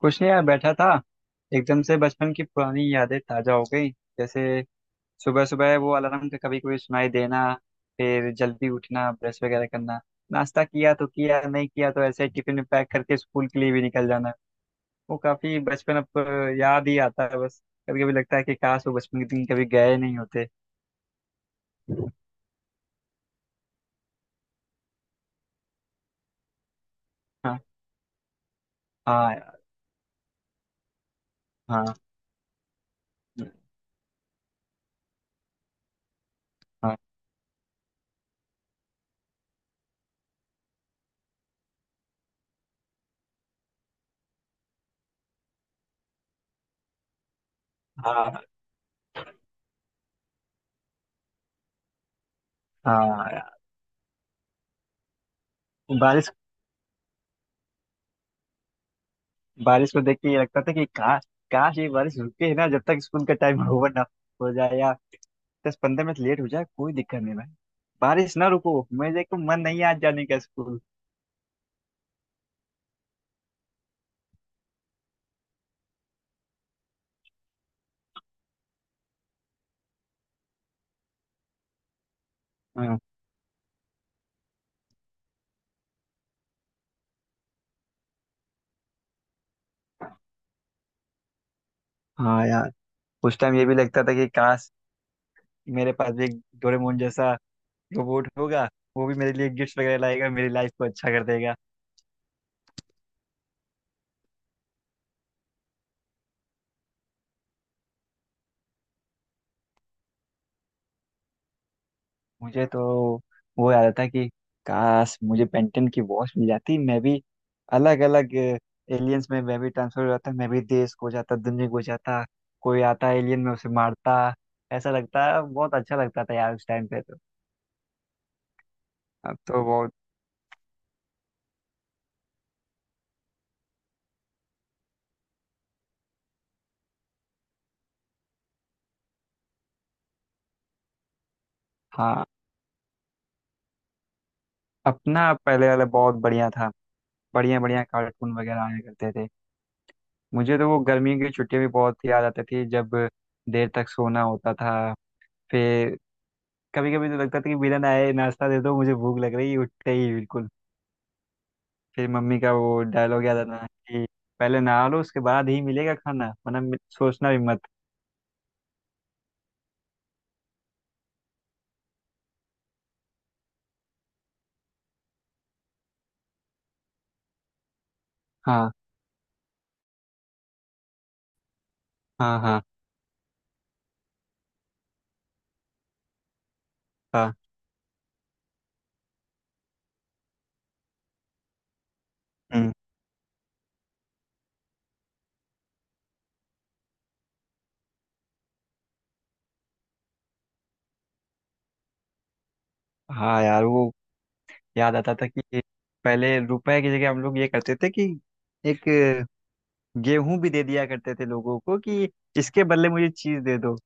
कुछ नहीं यार बैठा था। एकदम से बचपन की पुरानी यादें ताजा हो गई। जैसे सुबह सुबह वो अलार्म का कभी कभी सुनाई देना। फिर जल्दी उठना ब्रश वगैरह करना। नाश्ता किया तो किया नहीं किया तो ऐसे ही टिफिन में पैक करके स्कूल के लिए भी निकल जाना। वो काफी बचपन अब याद ही आता है बस। कभी कभी लगता है कि काश वो बचपन के दिन कभी गए नहीं होते। हाँ। हाँ यार। हाँ। हाँ। हाँ। हाँ यार। बारिश। बारिश को देख के ये लगता था कि काश काश ये बारिश रुके ना जब तक स्कूल का टाइम ओवर ना हो जाए या 10-15 मिनट लेट हो जाए कोई दिक्कत नहीं भाई। बारिश ना रुको। मेरे को मन नहीं है आज जाने का स्कूल। हाँ। हाँ यार। उस टाइम ये भी लगता था कि काश मेरे पास भी एक डोरेमोन जैसा रोबोट होगा। वो भी मेरे लिए गिफ्ट वगैरह लाएगा मेरी लाइफ को अच्छा कर देगा। मुझे तो वो याद आता है कि काश मुझे पेंटन की वॉच मिल जाती। मैं भी अलग अलग एलियंस में मैं भी ट्रांसफर हो जाता मैं भी देश खो जाता दुनिया खो जाता। कोई आता एलियन में उसे मारता। ऐसा लगता है बहुत अच्छा लगता था यार उस टाइम पे तो। अब तो बहुत। हाँ। अपना पहले वाला बहुत बढ़िया था। बढ़िया बढ़िया कार्टून वगैरह आया करते थे। मुझे तो वो गर्मियों की छुट्टियां भी बहुत याद आती थी जब देर तक सोना होता था। कभी कभी तो लगता था कि विलन आए नाश्ता दे दो मुझे भूख लग रही है उठते ही बिल्कुल। फिर मम्मी का वो डायलॉग याद आता था कि पहले नहा लो उसके बाद ही मिलेगा खाना वरना सोचना भी मत। हाँ। हाँ। हाँ। हाँ। हम्म। हाँ यार। वो याद आता था कि पहले रुपए की जगह हम लोग ये करते थे कि एक गेहूं भी दे दिया करते थे लोगों को कि इसके बदले मुझे चीज दे दो।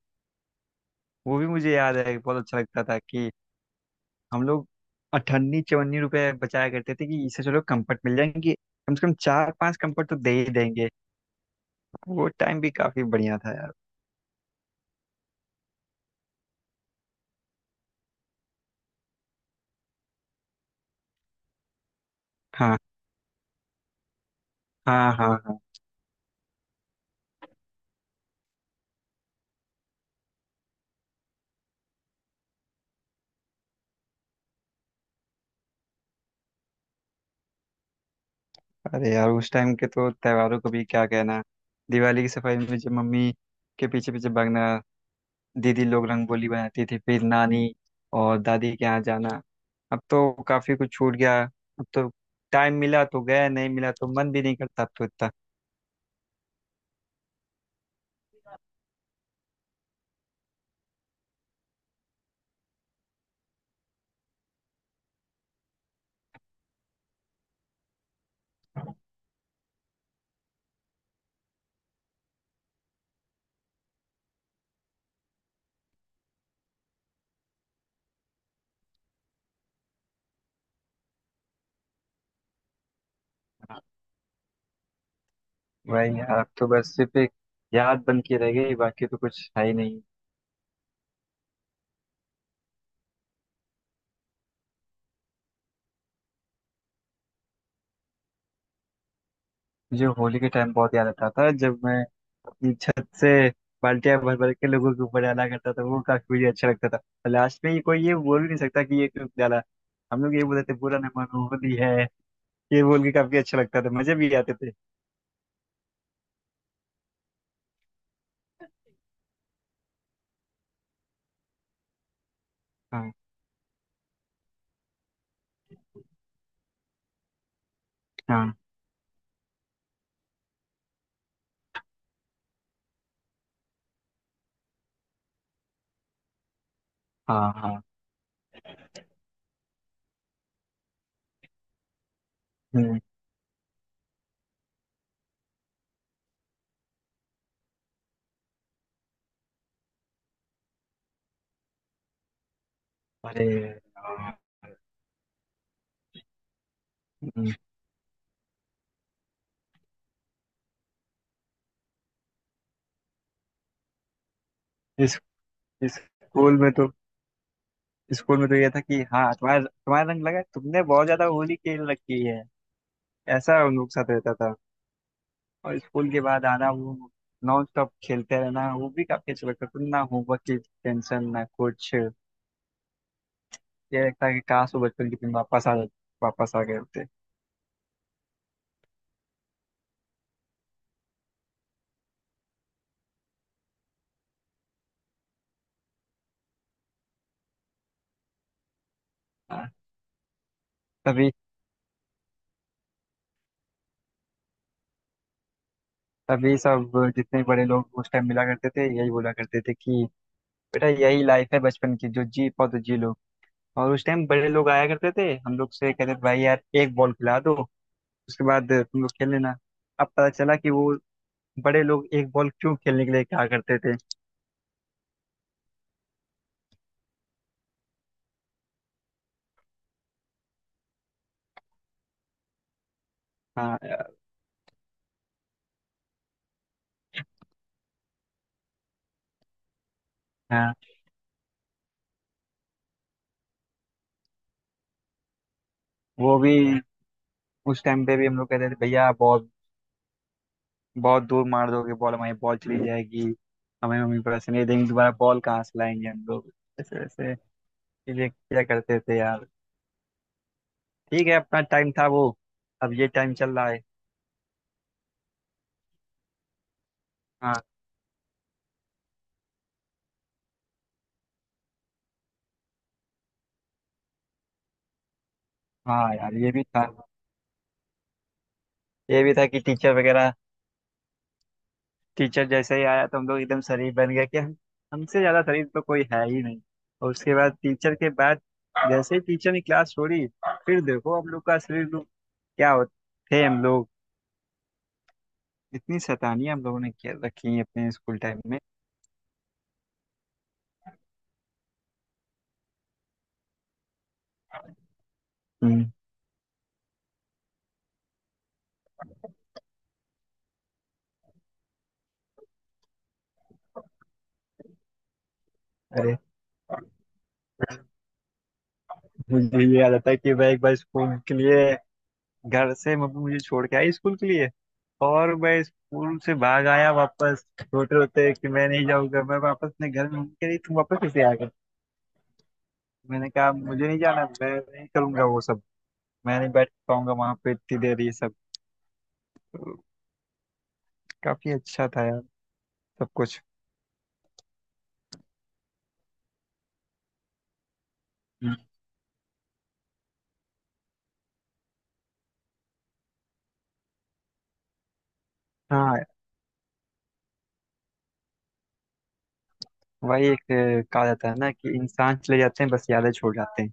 वो भी मुझे याद है बहुत अच्छा लगता था कि हम लोग अठन्नी चवन्नी रुपए बचाया करते थे कि इससे चलो कंफर्ट मिल जाएंगे। कम से कम चार पांच कंफर्ट तो दे ही देंगे। वो टाइम भी काफी बढ़िया था यार। हाँ। हाँ। हाँ। हाँ। अरे यार उस टाइम के तो त्योहारों को भी क्या कहना। दिवाली की सफाई में जब मम्मी के पीछे पीछे भागना। दीदी लोग रंगोली बनाती थी फिर नानी और दादी के यहाँ जाना। अब तो काफी कुछ छूट गया। अब तो टाइम मिला तो गया नहीं मिला तो मन भी नहीं करता अब तो। वही यार अब तो बस सिर्फ एक याद बन के रह गई बाकी तो कुछ है ही नहीं। मुझे होली के टाइम बहुत याद आता था जब मैं अपनी छत से बाल्टियां भर भर के लोगों के ऊपर डाला करता था। वो काफी मुझे अच्छा लगता था और लास्ट में ये कोई ये बोल भी नहीं सकता कि ये क्यों डाला। हम लोग ये बोलते थे बुरा न मानो होली है। ये बोल के काफी अच्छा लगता था मजे भी आते थे। हाँ। हाँ। हाँ। हाँ। हम्म। अरे। हाँ। हम्म, इस इस स्कूल में तो स्कूल में तो ये था कि हाँ तुम्हारा तुम्हारा रंग लगा है, तुमने बहुत ज्यादा होली खेल रखी है। ऐसा उन लोग के साथ रहता था। और स्कूल के बाद आना वो नॉन स्टॉप खेलते रहना वो भी काफी अच्छा लगता था ना होमवर्क की टेंशन ना कुछ। ये लगता है कि काश वो बचपन के दिन वापस आ गए होते। हाँ। तभी तभी सब जितने बड़े लोग उस टाइम मिला करते थे यही बोला करते थे कि बेटा यही लाइफ है बचपन की जो जी पाओ तो जी लो। और उस टाइम बड़े लोग आया करते थे हम लोग से कहते थे भाई यार एक बॉल खिला दो उसके बाद तुम लोग खेल लेना। अब पता चला कि वो बड़े लोग एक बॉल क्यों खेलने के लिए कहा करते थे। हाँ। हाँ। वो भी उस टाइम पे भी हम लोग कहते थे भैया बहुत बहुत दूर मार दोगे बॉल हमारी बॉल चली जाएगी। हमें मम्मी पैसे नहीं देंगे दोबारा बॉल कहाँ से लाएंगे हम लोग। ऐसे ऐसे चीजें किया करते थे यार। ठीक है अपना टाइम था वो। अब ये टाइम चल रहा है। हाँ। हाँ यार ये भी था। ये भी था कि टीचर वगैरह टीचर जैसे ही आया तो हम लोग एकदम शरीफ बन गए कि हम हमसे ज्यादा शरीफ तो कोई है ही नहीं। और उसके बाद टीचर के बाद जैसे ही टीचर ने क्लास छोड़ी फिर देखो हम लोग का शरीर लोग क्या होते थे हम लोग। इतनी शैतानियां हम लोगों ने किया रखी हैं अपने स्कूल टाइम में। हम्म। अरे। मुझे ये याद आता है कि मैं एक बार स्कूल के लिए घर से मम्मी मुझे छोड़ के आई स्कूल के लिए। और मैं स्कूल से भाग आया वापस रोते रोते कि मैं नहीं जाऊंगा मैं वापस अपने घर में मम्मी कह रही तुम वापस कैसे आ गए। मैंने कहा मुझे नहीं जाना मैं नहीं करूंगा वो सब। मैं नहीं बैठ पाऊंगा वहां पे इतनी देर ये सब। तो काफी अच्छा था यार सब कुछ। हम्म। हाँ। वही एक कहा जाता है ना कि इंसान चले जाते हैं बस यादें छोड़ जाते हैं।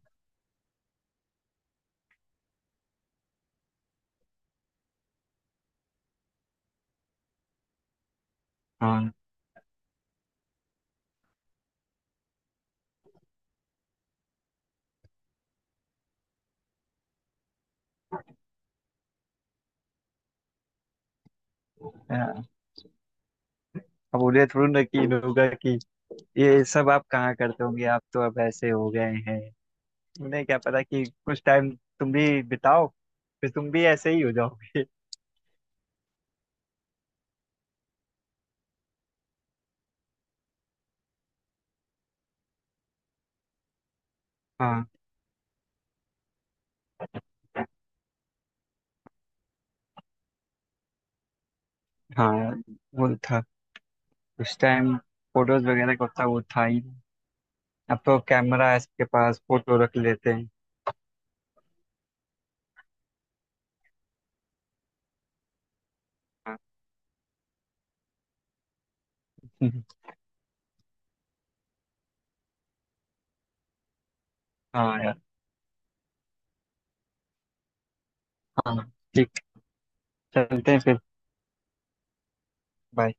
हाँ। अब बोले थोड़ी ना कि इन होगा कि ये सब आप कहाँ करते होंगे आप तो अब ऐसे हो गए हैं। उन्हें क्या पता कि कुछ टाइम तुम भी बिताओ फिर तुम भी ऐसे ही हो जाओगे। हाँ। हाँ। वो था उस टाइम फोटोज वगैरह का उतना वो था ही नहीं। अब तो कैमरा है सबके पास फोटो रख लेते हैं। हाँ यार। हाँ ठीक। चलते हैं फिर। बाय।